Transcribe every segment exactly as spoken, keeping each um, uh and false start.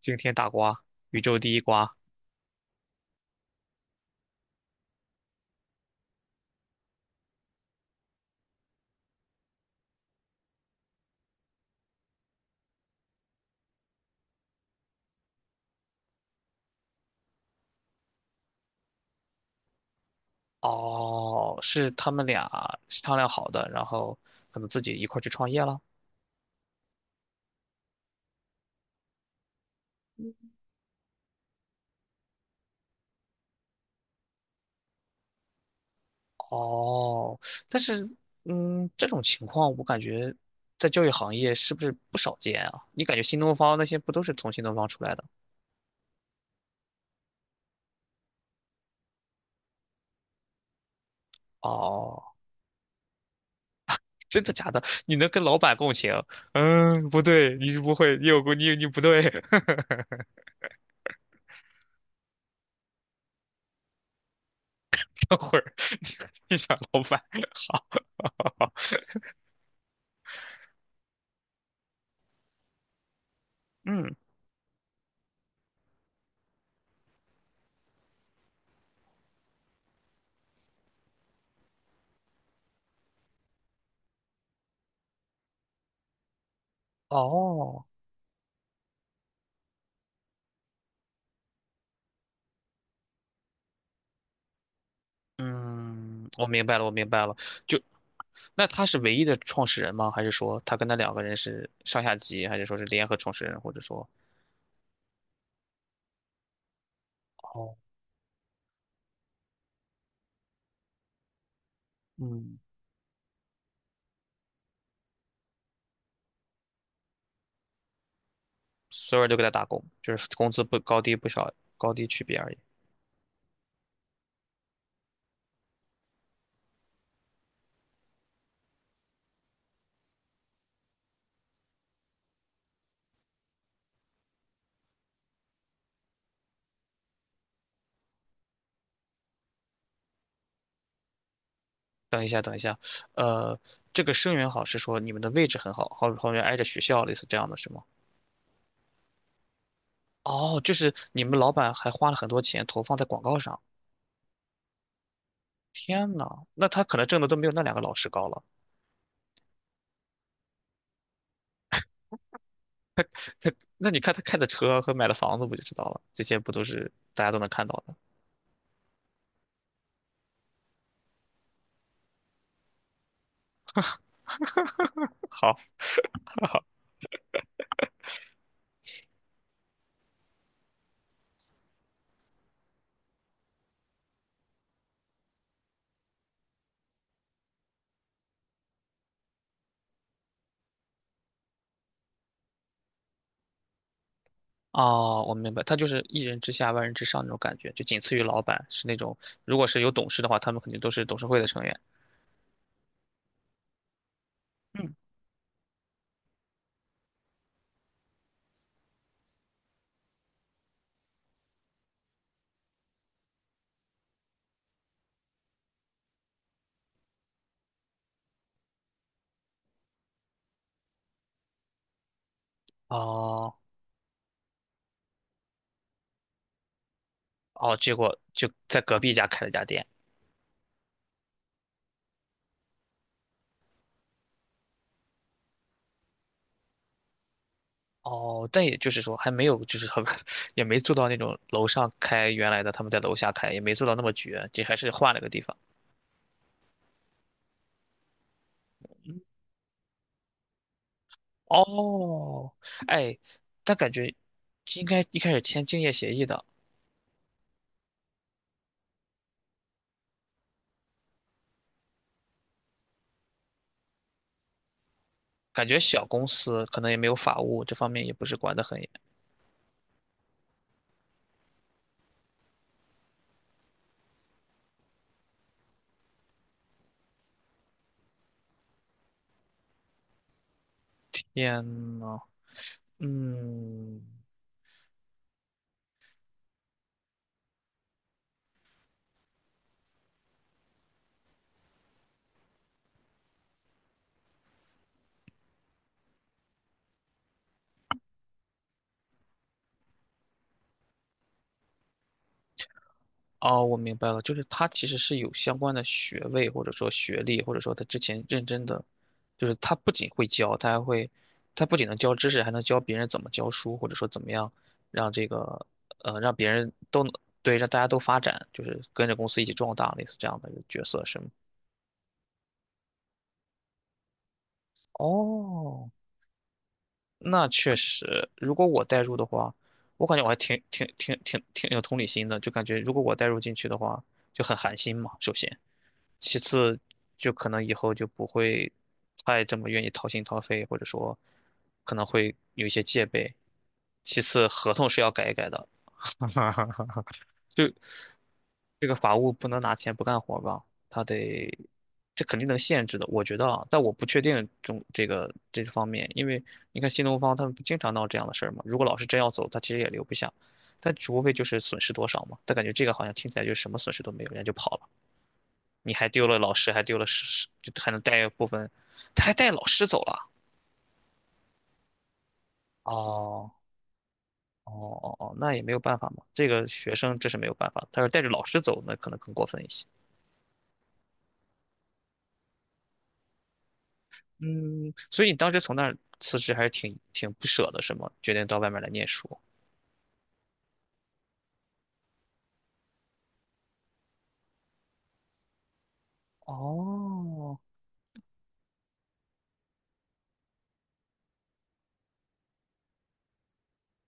惊天大瓜，宇宙第一瓜。哦，是他们俩商量好的，然后可能自己一块儿去创业了。哦，但是，嗯，这种情况我感觉在教育行业是不是不少见啊？你感觉新东方那些不都是从新东方出来的？哦，真的假的？你能跟老板共情？嗯，不对，你是不会，你有过，你你不对。等会儿你你想老板，好，嗯，哦。嗯，我明白了，我明白了。就那他是唯一的创始人吗？还是说他跟他两个人是上下级，还是说是联合创始人，或者说哦，嗯，所有人都给他打工，就是工资不高低不少，高低区别而已。等一下，等一下，呃，这个生源好是说你们的位置很好，后后面挨着学校，类似这样的是吗？哦，就是你们老板还花了很多钱投放在广告上。天呐，那他可能挣的都没有那两个老师高了。他那你看他开的车和买的房子不就知道了？这些不都是大家都能看到的？好，哦，我明白，他就是一人之下万人之上那种感觉，就仅次于老板，是那种如果是有董事的话，他们肯定都是董事会的成员。嗯，哦哦，结果就在隔壁家开了家店。哦，但也就是说还没有，就是他们 也没做到那种楼上开原来的，他们在楼下开，也没做到那么绝，这还是换了个地方。哦，哎，但感觉应该一开始签竞业协议的。感觉小公司可能也没有法务，这方面也不是管得很严呢。嗯，哦，我明白了，就是他其实是有相关的学位，或者说学历，或者说他之前认真的，就是他不仅会教，他还会，他不仅能教知识，还能教别人怎么教书，或者说怎么样让这个，呃，让别人都能，对，让大家都发展，就是跟着公司一起壮大，类似这样的一个角色，是吗？哦，那确实，如果我代入的话，我感觉我还挺挺挺挺挺有同理心的，就感觉如果我代入进去的话，就很寒心嘛，首先，其次就可能以后就不会太这么愿意掏心掏肺，或者说可能会有一些戒备。其次，合同是要改一改的，就这个法务不能拿钱不干活吧？他得，这肯定能限制的，我觉得啊，但我不确定中这个这方面，因为你看新东方他们不经常闹这样的事儿嘛。如果老师真要走，他其实也留不下，但只无非就是损失多少嘛。他感觉这个好像听起来就是什么损失都没有，人家就跑了，你还丢了老师，还丢了师，就还能带部分，他还带老师走了。哦哦哦哦，那也没有办法嘛，这个学生这是没有办法，他要是带着老师走，那可能更过分一些。嗯，所以你当时从那儿辞职还是挺挺不舍的，是吗？决定到外面来念书。哦，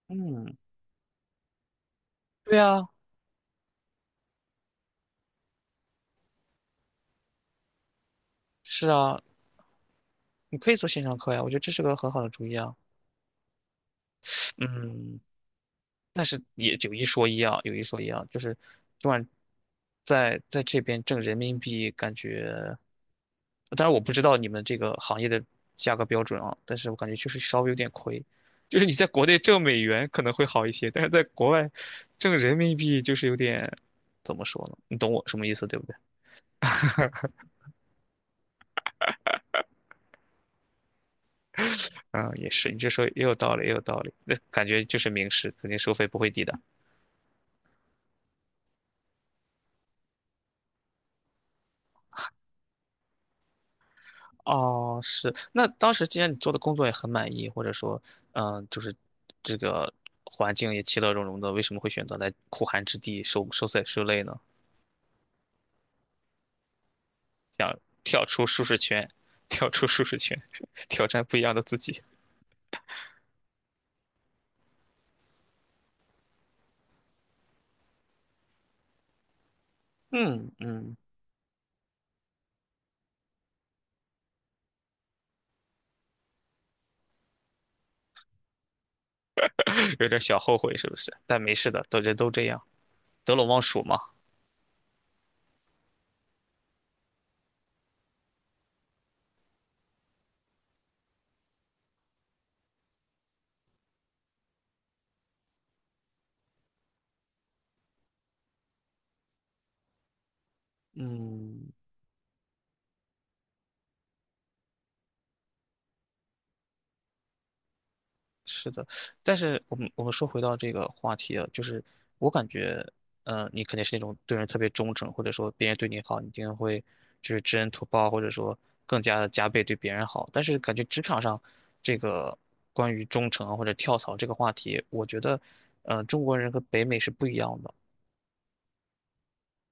嗯，对啊，是啊，你可以做线上课呀，我觉得这是个很好的主意啊。嗯。但是也有一说一啊，有一说一啊，就是昨晚在在这边挣人民币，感觉，当然我不知道你们这个行业的价格标准啊，但是我感觉就是稍微有点亏，就是你在国内挣美元可能会好一些，但是在国外挣人民币就是有点，怎么说呢？你懂我什么意思，对不对？啊，也是，你这说也有道理，也有道理，那感觉就是明示，肯定收费不会低的。哦，是。那当时既然你做的工作也很满意，或者说，嗯、就是这个环境也其乐融融的，为什么会选择来苦寒之地受受罪受累呢？想跳出舒适圈，跳出舒适圈，挑战不一样的自己，嗯嗯 有点小后悔是不是？但没事的，都人都这样，得陇望蜀嘛。嗯，是的，但是我们我们说回到这个话题啊，就是我感觉，嗯，你肯定是那种对人特别忠诚，或者说别人对你好，你一定会就是知恩图报，或者说更加的加倍对别人好。但是感觉职场上这个关于忠诚啊或者跳槽这个话题，我觉得，嗯，中国人和北美是不一样的。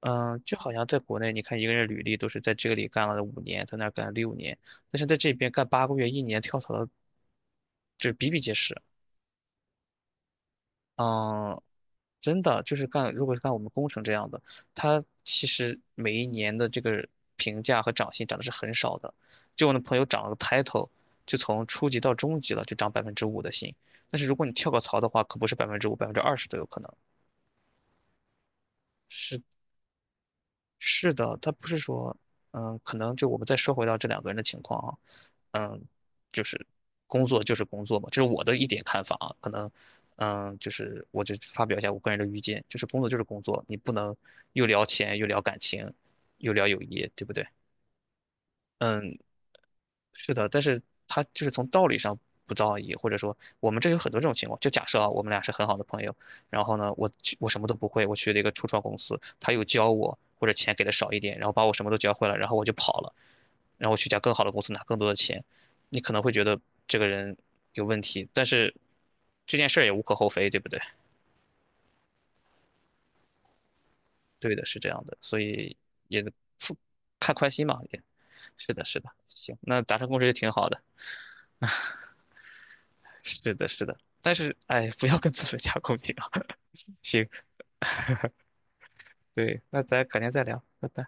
嗯、就好像在国内，你看一个人履历都是在这里干了五年，在那儿干了六年，但是在这边干八个月、一年跳槽的，就是比比皆是。嗯，真的就是干，如果是干我们工程这样的，他其实每一年的这个评价和涨薪涨的是很少的。就我那朋友涨了个 title，就从初级到中级了，就涨百分之五的薪。但是如果你跳个槽的话，可不是百分之五、百分之二十都有可能，是是的，他不是说，嗯，可能就我们再说回到这两个人的情况啊，嗯，就是工作就是工作嘛，这是我的一点看法啊，可能，嗯，就是我就发表一下我个人的意见，就是工作就是工作，你不能又聊钱又聊感情，又聊友谊，对不对？嗯，是的，但是他就是从道理上不道义，或者说我们这有很多这种情况。就假设啊，我们俩是很好的朋友，然后呢，我去我什么都不会，我去了一个初创公司，他又教我，或者钱给的少一点，然后把我什么都教会了，然后我就跑了，然后我去一家更好的公司拿更多的钱，你可能会觉得这个人有问题，但是这件事儿也无可厚非，对不对？对的，是这样的，所以也看宽心嘛，也是的，是的，行，那达成共识就挺好的。是的，是的，但是哎，不要跟资本家共情啊。行，对，那咱改天再聊，拜拜。